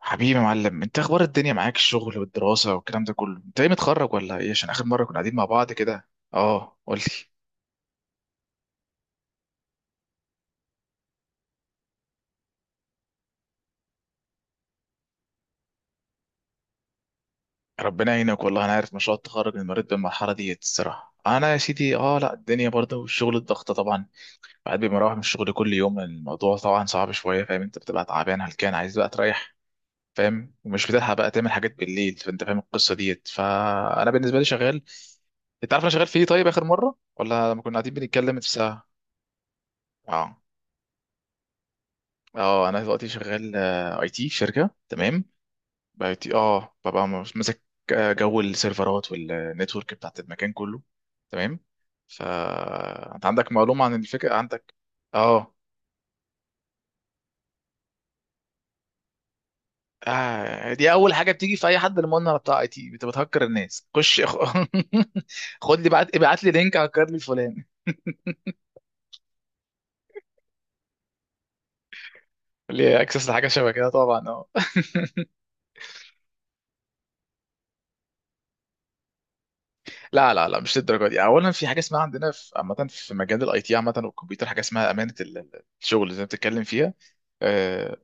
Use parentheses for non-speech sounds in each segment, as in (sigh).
حبيبي يا معلم، انت اخبار الدنيا معاك، الشغل والدراسة والكلام ده كله. انت ايه، متخرج ولا ايه؟ عشان اخر مرة كنا قاعدين مع بعض كده. اه قلت لي. ربنا يعينك، والله انا عارف مشروع التخرج من مريت بالمرحلة ديت. الصراحة انا يا سيدي لا، الدنيا برضه والشغل الضغطة طبعا. بعد ما بروح من الشغل كل يوم الموضوع طبعا صعب شوية. فاهم، انت بتبقى تعبان هلكان عايز بقى تريح. فاهم، ومش بتلحق بقى تعمل حاجات بالليل. فانت فاهم القصة ديت. فانا بالنسبة لي شغال. انت عارف انا شغال في ايه؟ طيب اخر مرة ولا لما كنا قاعدين بنتكلم في ساعة. اه. اه انا دلوقتي شغال اي تي في شركه. تمام. بقى IT، اه ببقى ماسك جو السيرفرات والنتورك بتاعت المكان كله. تمام. فانت عندك معلومه عن الفكره عندك؟ اه. دي اول حاجه بتيجي في اي حد، المؤمن بتاع اي تي انت بتهكر الناس، خش (laughs) خد لي، بعت ابعت لي لينك، هكر لي فلان. (laughs) ليه، اكسس لحاجه شبه كده طبعا اه. لا، مش للدرجه دي. اولا في حاجه اسمها عندنا في عامه، في مجال الاي تي عامه والكمبيوتر، حاجه اسمها امانه الشغل اللي انت بتتكلم فيها. آه،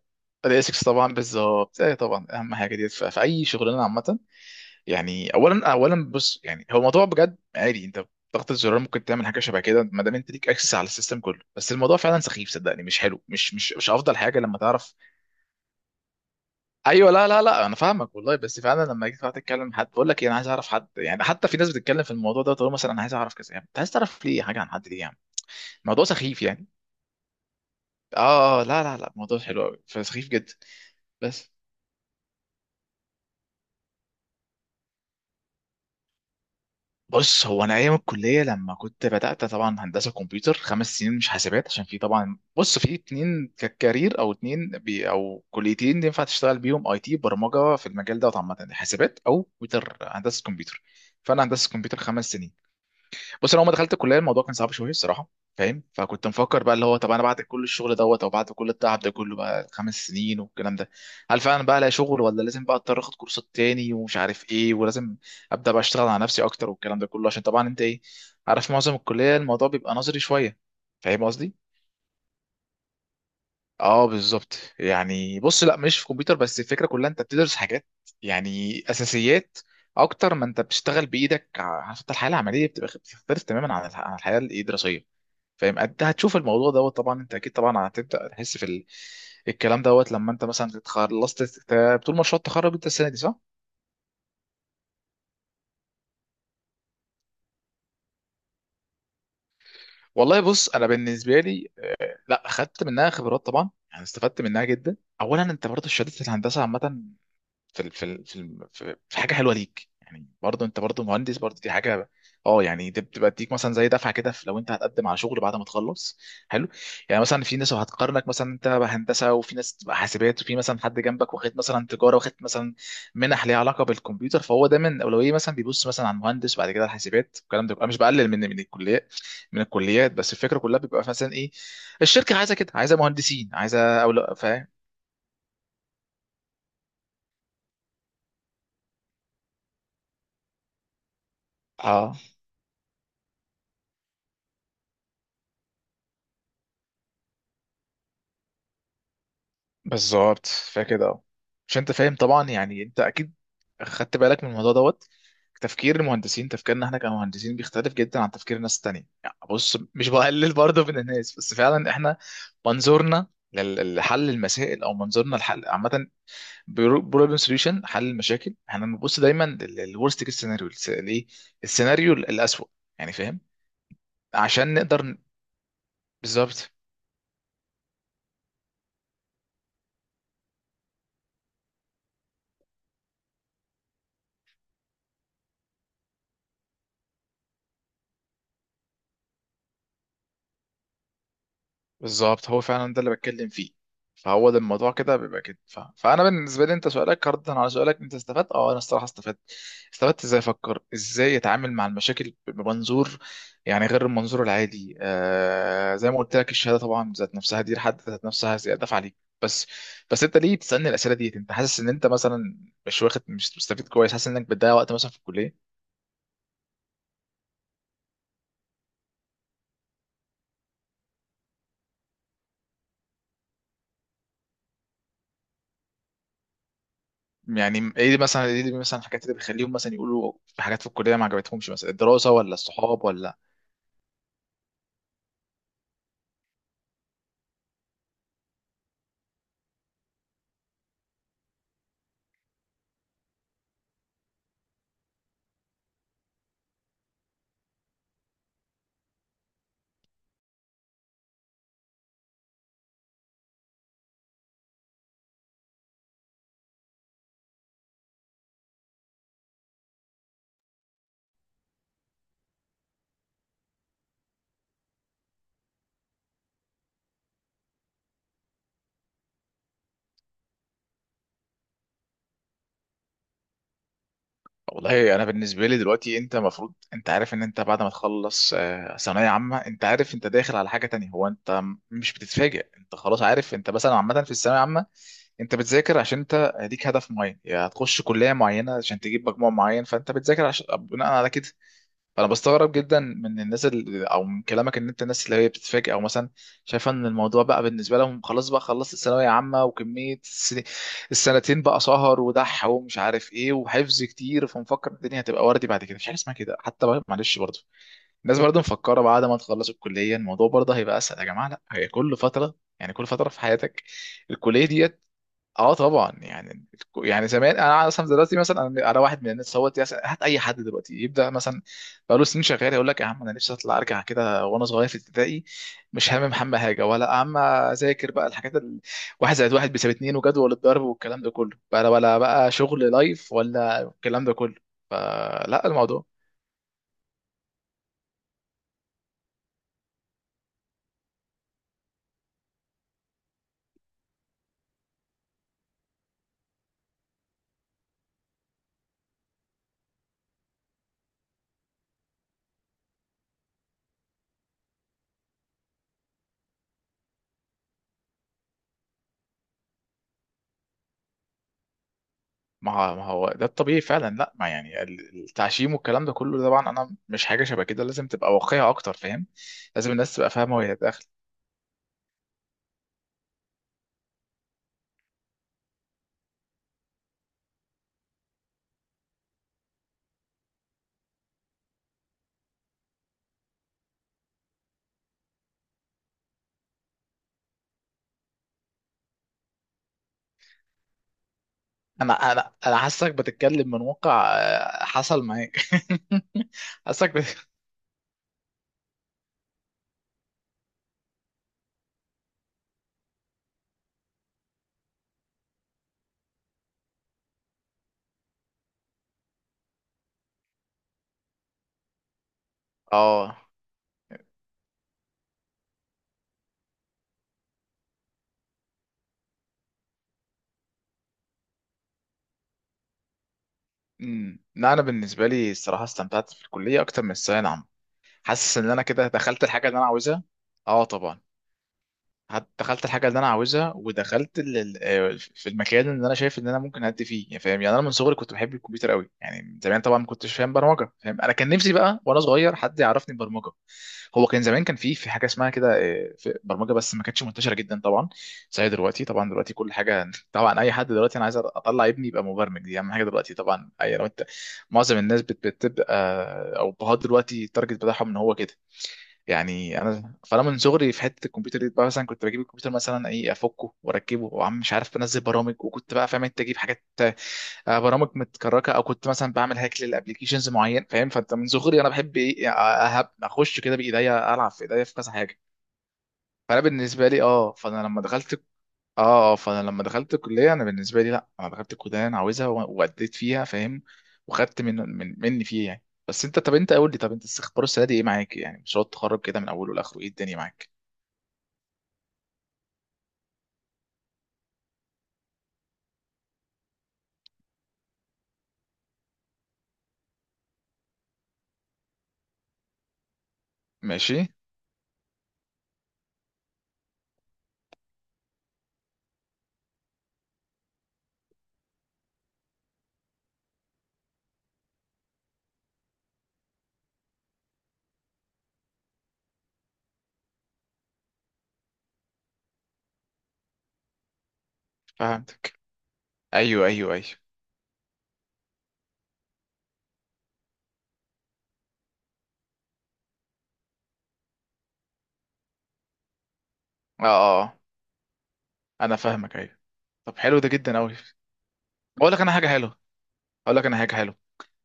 الاسكس طبعا، بالظبط، ايه طبعا اهم حاجه دي في اي شغلانه عامه. يعني اولا بص، يعني هو الموضوع بجد عادي. انت ضغط الزرار ممكن تعمل حاجه شبه كده، ما دام انت ليك اكسس على السيستم كله. بس الموضوع فعلا سخيف، صدقني مش حلو، مش افضل حاجه لما تعرف. ايوه، لا انا فاهمك والله. بس فعلا لما جيت قعدت اتكلم مع حد بقول لك انا عايز اعرف حد، يعني حتى في ناس بتتكلم في الموضوع ده، تقول مثلا انا عايز اعرف كذا. يعني انت عايز تعرف ليه حاجه عن حد، ليه يعني؟ الموضوع سخيف يعني. لا الموضوع حلو قوي، فسخيف جدا. بس بص، هو انا ايام الكليه لما كنت بدات طبعا هندسه كمبيوتر خمس سنين، مش حاسبات، عشان في طبعا، بص في اتنين كارير او اتنين بي او كليتين ينفع تشتغل بيهم اي تي برمجه في المجال ده عامه: حاسبات او كمبيوتر، هندسه كمبيوتر. فانا هندسه كمبيوتر خمس سنين. بص انا اول ما دخلت الكليه الموضوع كان صعب شويه الصراحه. فاهم؟ فكنت مفكر بقى، اللي هو طب انا بعد كل الشغل دوت، او بعد كل التعب ده كله بقى خمس سنين والكلام ده، هل فعلا بقى الاقي شغل، ولا لازم بقى اضطر اخد كورسات تاني ومش عارف ايه، ولازم ابدا بقى اشتغل على نفسي اكتر والكلام ده كله؟ عشان طبعا انت ايه، عارف معظم الكليه الموضوع بيبقى نظري شويه. فاهم قصدي؟ اه بالظبط. يعني بص، لا مش في كمبيوتر بس، الفكره كلها انت بتدرس حاجات يعني اساسيات اكتر ما انت بتشتغل بايدك. عارف، انت الحياه العمليه بتبقى بتختلف تماما عن عن الحياه الايه الدراسيه. فاهم، انت هتشوف الموضوع دوت طبعا، انت اكيد طبعا هتبدا تحس في ال... الكلام دوت لما انت مثلا خلصت طول مشروع التخرج انت السنه دي، صح؟ والله بص انا بالنسبه لي لا خدت منها خبرات طبعا يعني، استفدت منها جدا. اولا انت برضه شهاده الهندسه عامه، في في حاجه حلوه ليك يعني، برضه انت برضه مهندس، برضه دي حاجه. اه يعني دي بتبقى تديك مثلا زي دفعه كده لو انت هتقدم على شغل بعد ما تخلص. حلو، يعني مثلا في ناس هتقارنك، مثلا انت بقى هندسه، وفي ناس بقى حاسبات، وفي مثلا حد جنبك واخد مثلا تجاره، واخد مثلا منح ليها علاقه بالكمبيوتر. فهو دايما اولويه مثلا بيبص مثلا على المهندس وبعد كده الحاسبات والكلام ده. بيبقى مش بقلل من الكليات بس الفكره كلها بيبقى مثلا ايه، الشركه عايزه كده، عايزه مهندسين عايزه او لا. فاهم؟ اه بالظبط فكده اهو. مش انت فاهم طبعا، يعني انت اكيد خدت بالك من الموضوع دوت. تفكير المهندسين، تفكيرنا احنا كمهندسين بيختلف جدا عن تفكير الناس التانية. يعني بص، مش بقلل برضه من الناس، بس فعلا احنا منظورنا لحل المسائل، او منظورنا لحل عامه، بروبلم سوليوشن، حل المشاكل. احنا بنبص دايما للورست كيس سيناريو، الايه، السيناريو الاسوأ. يعني فاهم، عشان نقدر. بالظبط، بالظبط هو فعلا ده اللي بتكلم فيه. فهو ده الموضوع كده بيبقى كده ف... فانا بالنسبه لي، انت سؤالك، ردا على سؤالك، انت استفدت؟ اه انا الصراحه استفدت. استفدت ازاي افكر، ازاي اتعامل مع المشاكل بمنظور يعني غير المنظور العادي. آه زي ما قلت لك، الشهاده طبعا ذات نفسها، دي لحد ذات نفسها زياده عليك. بس بس انت ليه بتسالني الاسئله ديت؟ انت حاسس ان انت مثلا مش مستفيد كويس، حاسس انك بتضيع وقت مثلا في الكليه؟ يعني ايه مثلا، ايه مثلا الحاجات اللي بتخليهم مثلا يقولوا في حاجات في الكليه ما عجبتهمش، مثلا الدراسه ولا الصحاب ولا؟ والله انا بالنسبه لي دلوقتي، انت المفروض انت عارف ان انت بعد ما تخلص ثانويه عامه، انت عارف انت داخل على حاجه تانية. هو انت مش بتتفاجئ، انت خلاص عارف. انت مثلا عامه في الثانويه العامه انت بتذاكر عشان انت ليك هدف معين، يا هتخش كليه معينه عشان تجيب مجموع معين، فانت بتذاكر عشان بناء على كده. انا بستغرب جدا من الناس اللي، او من كلامك، ان انت الناس اللي هي بتتفاجئ، او مثلا شايفه ان الموضوع بقى بالنسبه لهم خلاص، بقى خلصت الثانويه عامه وكميه السنتين بقى سهر ودح ومش عارف ايه وحفظ كتير، فمفكر الدنيا هتبقى وردي بعد كده. مش حاجه اسمها كده. حتى بقى معلش برضه الناس برضه مفكره بعد ما تخلص الكليه الموضوع برضه هيبقى اسهل. يا جماعه لا، هي كل فتره يعني، كل فتره في حياتك. الكليه ديت، اه طبعا يعني. يعني زمان، انا اصلا دلوقتي مثلا انا واحد من الناس. هو هات اي حد دلوقتي يبدا مثلا بقاله سنين شغال يقول لك يا عم انا نفسي اطلع ارجع كده وانا صغير في ابتدائي، مش هامم هم حاجه ولا هم اذاكر بقى الحاجات واحد زائد واحد بيساوي اتنين وجدول الضرب والكلام ده كله، بقى ولا بقى شغل لايف ولا الكلام ده كله. فلا الموضوع ما هو ده الطبيعي فعلا. لا ما يعني التعشيم والكلام ده كله طبعا، انا مش حاجه شبه كده، لازم تبقى واقعيه اكتر. فاهم، لازم الناس تبقى فاهمه وهي داخله. انا حاسسك بتتكلم من واقع حصل معايا. (laughs) حاسسك بت... اه. امم، لا انا بالنسبه لي الصراحه استمتعت في الكليه اكتر من الثانويه العامه. حاسس ان انا كده دخلت الحاجه اللي انا عاوزها. اه طبعا. دخلت الحاجه اللي انا عاوزها، ودخلت في المكان اللي انا شايف ان انا ممكن ادي فيه. يعني فاهم، يعني انا من صغري كنت بحب الكمبيوتر قوي يعني من زمان. طبعا ما كنتش فاهم برمجه، فاهم؟ انا كان نفسي بقى وانا صغير حد يعرفني برمجه. هو كان زمان، كان في حاجه اسمها كده في برمجه، بس ما كانتش منتشره جدا طبعا زي دلوقتي. طبعا دلوقتي كل حاجه (laughs) طبعا. اي حد دلوقتي انا عايز اطلع ابني يبقى مبرمج، دي اهم حاجه دلوقتي طبعا. اي لو انت، معظم الناس بتبقى او بهاد دلوقتي التارجت بتاعهم ان هو كده. يعني انا من صغري في حته الكمبيوتر دي بقى، مثلا كنت بجيب الكمبيوتر مثلا ايه، افكه واركبه وعم مش عارف، بنزل برامج، وكنت بقى فاهم انت، اجيب حاجات برامج متكركه، او كنت مثلا بعمل هاك للابلكيشنز معين. فاهم؟ فانت من صغري انا بحب ايه اخش كده بايديا، العب في ايديا في كذا حاجه. فانا بالنسبه لي، اه فانا لما دخلت، اه فانا لما دخلت الكليه انا بالنسبه لي، لا انا دخلت الكليه اللي انا عاوزها واديت فيها، فاهم؟ وخدت من مني فيه يعني. بس انت، طب انت قول لي، طب انت استخبار السنه دي ايه معاك يعني؟ مشروع التخرج كده من اوله لاخره ايه الدنيا معاك؟ ماشي. فهمتك. ايوه. اه اه آه. انا فاهمك، ايوه. طب حلو ده جدا قوي. اقول لك انا حاجه حلوه. اقول لك انا حاجه حلوه.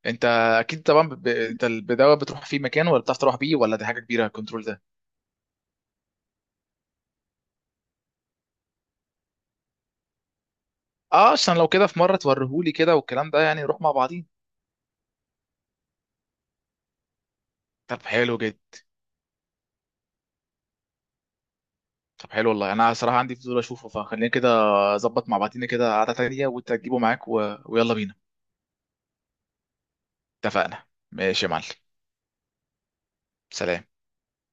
انت اكيد طبعا انت البدايه بتروح في مكان، ولا بتعرف تروح بيه، ولا دي حاجه كبيره الكنترول ده؟ اه عشان لو كده في مره توريهولي كده والكلام ده، يعني نروح مع بعضين. طب حلو جدا. طب حلو والله، انا صراحه عندي فضول اشوفه، فخلينا كده اظبط مع بعضينا كده قعده تانية وانت تجيبه معاك و... ويلا بينا. اتفقنا. ماشي يا معلم. سلام.